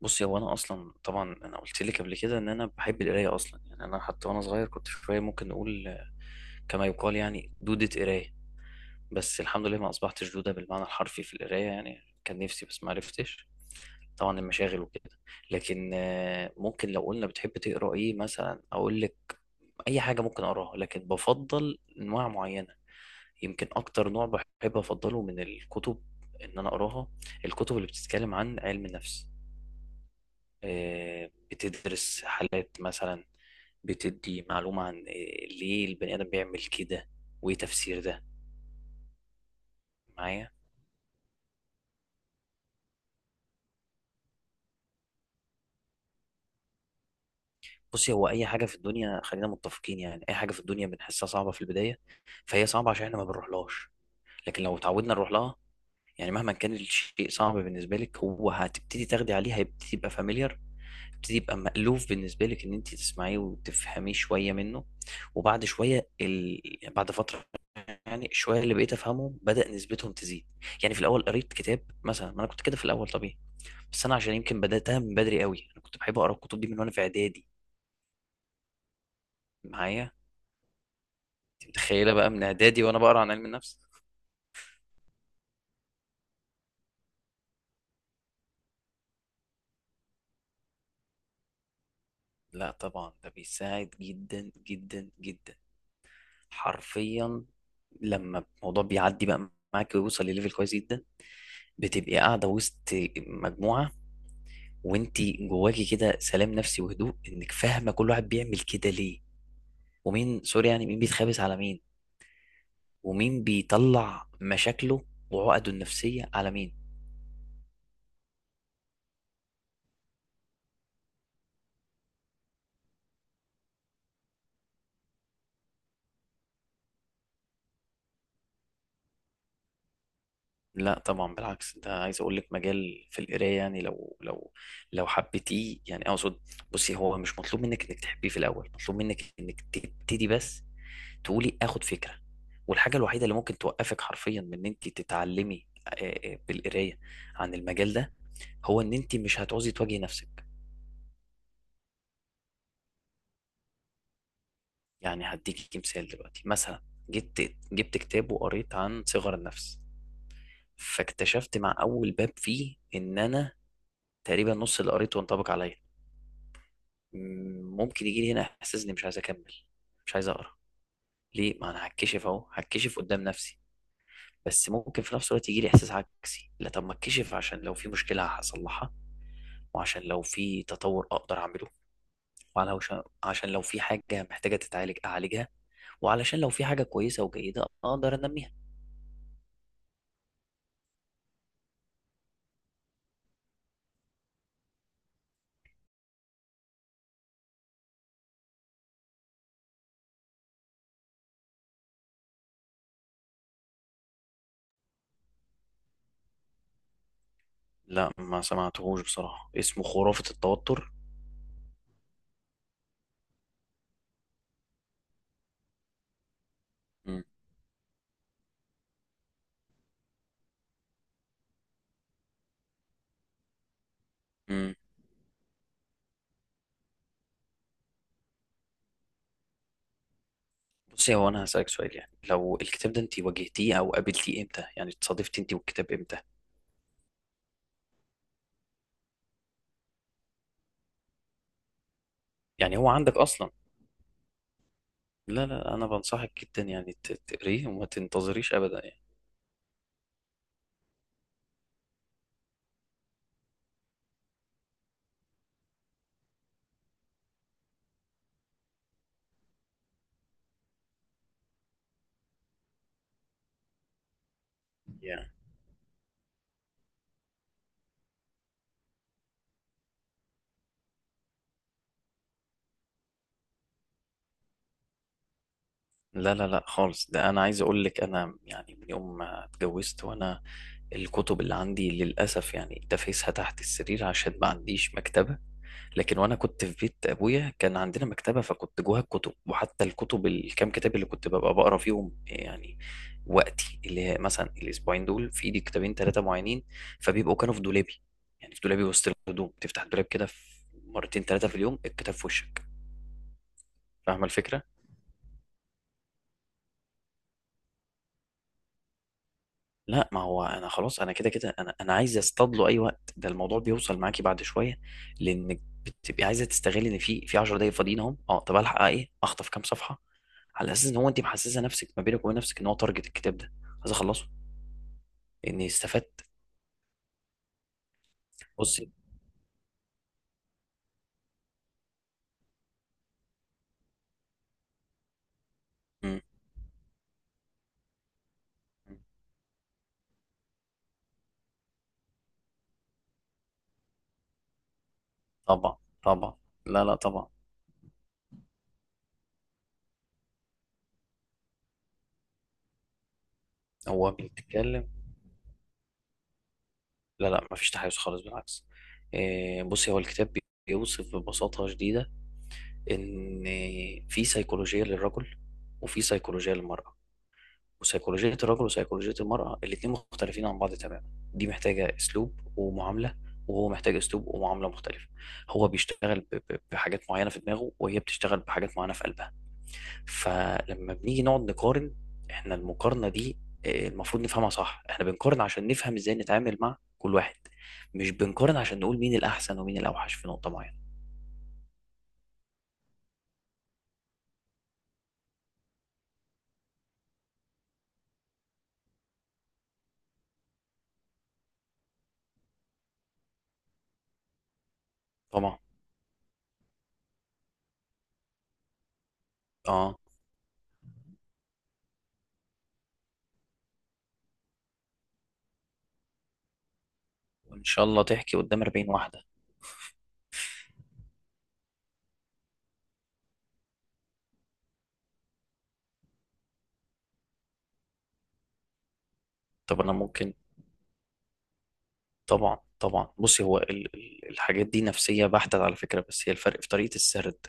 بصي هو انا اصلا طبعا انا قلت لك قبل كده ان انا بحب القرايه اصلا. يعني انا حتى وانا صغير كنت شويه ممكن نقول كما يقال يعني دودة قرايه. بس الحمد لله ما اصبحتش دوده بالمعنى الحرفي في القرايه. يعني كان نفسي بس ما عرفتش، طبعا المشاغل وكده. لكن ممكن لو قلنا بتحب تقرا ايه مثلا اقول لك اي حاجه ممكن اقراها، لكن بفضل انواع معينه. يمكن اكتر نوع بحب افضله من الكتب ان انا اقراها، الكتب اللي بتتكلم عن علم النفس. بتدرس حالات مثلا، بتدي معلومة عن ليه البني آدم بيعمل كده وإيه تفسير ده. معايا. بصي، هو أي حاجة في الدنيا، خلينا متفقين، يعني أي حاجة في الدنيا بنحسها صعبة في البداية، فهي صعبة عشان إحنا ما بنروحلهاش. لكن لو اتعودنا نروح لها، يعني مهما كان الشيء صعب بالنسبة لك، هو هتبتدي تاخدي عليه، هيبتدي يبقى فاميليار، هيبتدي يبقى مألوف بالنسبة لك إن أنت تسمعيه وتفهميه شوية منه. وبعد شوية بعد فترة يعني شويه اللي بقيت افهمهم بدا نسبتهم تزيد. يعني في الاول قريت كتاب مثلا، ما انا كنت كده في الاول طبيعي. بس انا عشان يمكن بداتها من بدري قوي، انا كنت بحب اقرا الكتب دي من وانا في اعدادي. معايا انت. متخيله بقى من اعدادي وانا بقرا عن علم النفس. لا طبعا ده بيساعد جدا جدا جدا، حرفيا. لما الموضوع بيعدي بقى معاك ويوصل لليفل كويس جدا، بتبقي قاعده وسط مجموعه وانت جواكي كده سلام نفسي وهدوء، انك فاهمه كل واحد بيعمل كده ليه. ومين سوري، يعني مين بيتخابس على مين، ومين بيطلع مشاكله وعقده النفسية على مين. لا طبعا بالعكس، ده عايز اقول لك مجال في القرايه، يعني لو لو حبيتيه، يعني اقصد، بصي هو مش مطلوب منك انك تحبيه في الاول، مطلوب منك انك تبتدي بس، تقولي اخد فكره. والحاجه الوحيده اللي ممكن توقفك حرفيا من ان انت تتعلمي بالقرايه عن المجال ده، هو ان انت مش هتعوزي تواجهي نفسك. يعني هديكي مثال دلوقتي مثلا، جبت كتاب وقريت عن صغر النفس، فاكتشفت مع اول باب فيه ان انا تقريبا نص اللي قريته انطبق عليا. ممكن يجي لي هنا احساس اني مش عايز اكمل، مش عايز اقرا، ليه؟ ما انا هتكشف اهو، هتكشف قدام نفسي. بس ممكن في نفس الوقت يجي لي احساس عكسي، لا طب ما اتكشف عشان لو في مشكله هصلحها، وعشان لو في تطور اقدر اعمله، وعشان لو في حاجه محتاجه تتعالج اعالجها، وعلشان لو في حاجه كويسه وجيده اقدر انميها. لا ما سمعتهوش بصراحه، اسمه خرافه التوتر. مم. مم. بصي هو انا هسألك سؤال، يعني لو الكتاب ده انت واجهتيه او قابلتيه امتى، يعني اتصادفتي انت والكتاب امتى؟ يعني هو عندك اصلا. لا لا، انا بنصحك جدا يعني تقريه وما تنتظريش ابدا يعني. يعني لا لا لا خالص، ده انا عايز اقول لك انا يعني من يوم ما اتجوزت وانا، الكتب اللي عندي للاسف يعني دافيسها تحت السرير عشان ما عنديش مكتبة. لكن وانا كنت في بيت ابويا كان عندنا مكتبه، فكنت جواها الكتب، وحتى الكتب الكام كتاب اللي كنت ببقى بقرا فيهم يعني وقتي، اللي هي مثلا الاسبوعين دول في ايدي كتابين ثلاثه معينين، فبيبقوا كانوا في دولابي، يعني في دولابي وسط الهدوم، تفتح الدولاب كده في مرتين ثلاثه في اليوم الكتاب في وشك. فاهمه الفكره؟ لا ما هو انا خلاص انا كده كده، انا انا عايز اصطاد له اي وقت. ده الموضوع بيوصل معاكي بعد شويه، لانك بتبقي عايزه تستغلي ان في 10 دقايق فاضيين اهم، اه طب الحق ايه، اخطف كام صفحه، على اساس ان هو انت محسسه نفسك ما بينك وبين نفسك ان هو تارجت الكتاب ده عايز اخلصه لاني استفدت. بصي. مم. طبعا طبعا. لا لا طبعا. هو بيتكلم. لا لا مفيش تحيز خالص، بالعكس. بصي هو الكتاب بيوصف ببساطة شديدة ان في سيكولوجية للرجل وفي سيكولوجية للمرأة، وسيكولوجية الرجل وسيكولوجية المرأة الاتنين مختلفين عن بعض تماما. دي محتاجة أسلوب ومعاملة، وهو محتاج أسلوب ومعاملة مختلفة. هو بيشتغل بحاجات معينة في دماغه، وهي بتشتغل بحاجات معينة في قلبها. فلما بنيجي نقعد نقارن، احنا المقارنة دي المفروض نفهمها صح. احنا بنقارن عشان نفهم ازاي نتعامل مع كل واحد، مش بنقارن عشان نقول مين الأحسن ومين الأوحش في نقطة معينة. طبعا. اه. وإن شاء الله تحكي قدام 40 واحدة. طب أنا ممكن. طبعا طبعا بصي هو الحاجات دي نفسية بحتة على فكرة، بس هي الفرق في طريقة السرد،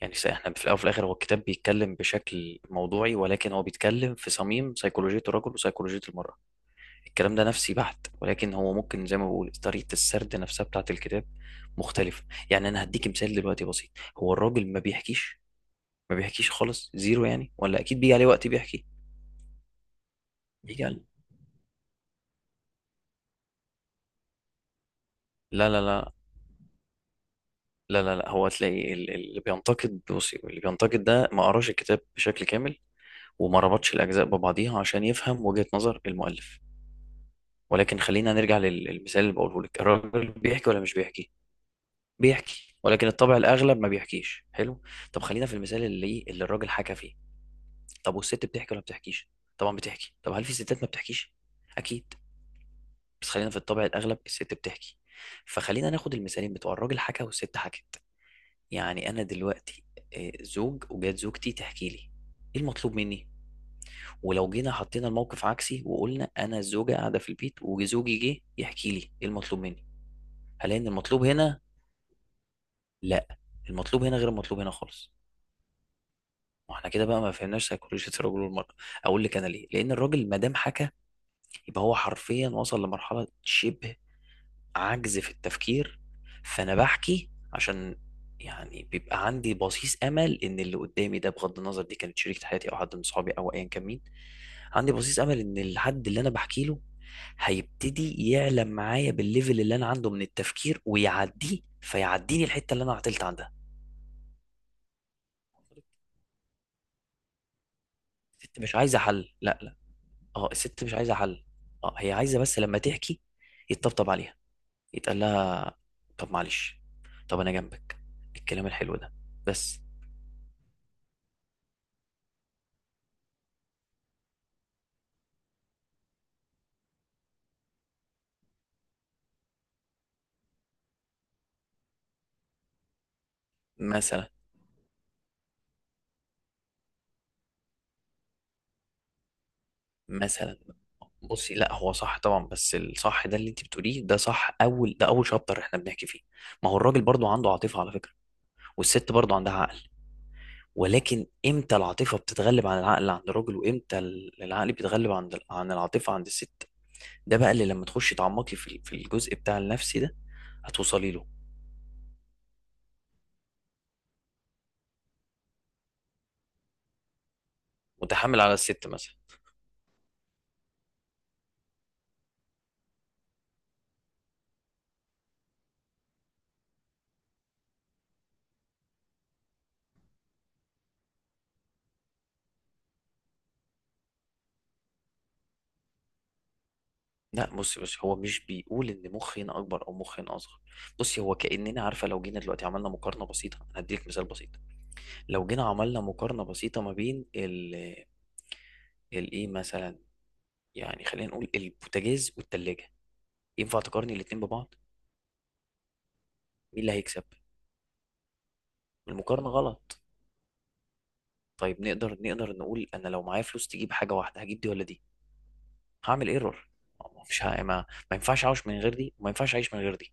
يعني س- احنا في الأول وفي الآخر هو الكتاب بيتكلم بشكل موضوعي، ولكن هو بيتكلم في صميم سيكولوجية الرجل وسيكولوجية المرأة. الكلام ده نفسي بحت، ولكن هو ممكن زي ما بقول طريقة السرد نفسها بتاعة الكتاب مختلفة. يعني أنا هديك مثال دلوقتي بسيط، هو الراجل ما بيحكيش، ما بيحكيش خالص، زيرو يعني، ولا أكيد بيجي عليه وقت بيحكي. بيجي عليه. لا لا لا، لا لا لا. هو تلاقي اللي بينتقد، بصي اللي بينتقد ده ما قراش الكتاب بشكل كامل وما ربطش الأجزاء ببعضيها عشان يفهم وجهة نظر المؤلف. ولكن خلينا نرجع للمثال اللي بقوله لك، الراجل بيحكي ولا مش بيحكي؟ بيحكي ولكن الطبع الأغلب ما بيحكيش. حلو. طب خلينا في المثال اللي اللي الراجل حكى فيه. طب والست بتحكي ولا بتحكيش؟ طبعا بتحكي. طب هل في ستات ما بتحكيش؟ أكيد. بس خلينا في الطبع الأغلب الست بتحكي. فخلينا ناخد المثالين بتوع الراجل حكى والست حكت. يعني أنا دلوقتي زوج وجات زوجتي تحكي لي، إيه المطلوب مني؟ ولو جينا حطينا الموقف عكسي وقلنا انا الزوجه قاعده في البيت وزوجي جه يحكي لي، ايه المطلوب مني؟ هل ان المطلوب هنا؟ لا، المطلوب هنا غير المطلوب هنا خالص. واحنا كده بقى ما فهمناش سيكولوجيه الرجل والمراه. اقول لك انا ليه. لان الراجل ما دام حكى يبقى هو حرفيا وصل لمرحله شبه عجز في التفكير، فانا بحكي عشان، يعني بيبقى عندي بصيص امل ان اللي قدامي ده بغض النظر دي كانت شريكة حياتي او حد من صحابي او ايا كان مين، عندي بصيص امل ان الحد اللي انا بحكي له هيبتدي يعلم معايا بالليفل اللي انا عنده من التفكير ويعديه، فيعديني الحتة اللي انا عطلت عندها. الست مش عايزة حل، لا لا، اه الست مش عايزة حل. اه هي عايزة بس لما تحكي يتطبطب عليها، يتقال لها طب معلش، طب انا جنبك، الكلام الحلو ده بس. مثلا. مثلا بصي، لا هو صح طبعا، بس الصح ده اللي انت بتقوليه ده صح اول، ده اول شابتر احنا بنحكي فيه. ما هو الراجل برضو عنده عاطفه على فكره، والست برضو عندها عقل. ولكن امتى العاطفه بتتغلب عن العقل عند الراجل، وامتى العقل بيتغلب عن العاطفه عند الست؟ ده بقى اللي لما تخشي تعمقي في الجزء بتاع النفسي ده هتوصلي له. متحمل على الست مثلا؟ لا بصي بصي هو مش بيقول ان مخ هنا اكبر او مخ هنا اصغر. بصي هو كاننا عارفه، لو جينا دلوقتي عملنا مقارنه بسيطه، هديلك مثال بسيط، لو جينا عملنا مقارنة بسيطة ما بين الايه مثلا، يعني خلينا نقول البوتاجاز والتلاجة، ينفع تقارني الاتنين ببعض؟ مين اللي هيكسب؟ المقارنة غلط. طيب نقدر نقول انا لو معايا فلوس تجيب حاجة واحدة هجيب دي ولا دي؟ هعمل ايرور. مش ه... ما... ما ينفعش اعيش من غير دي وما ينفعش اعيش من غير دي.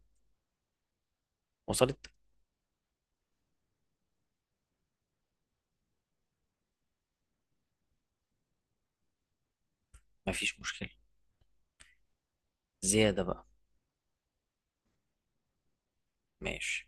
وصلت؟ ما فيش مشكلة، زيادة بقى. ماشي.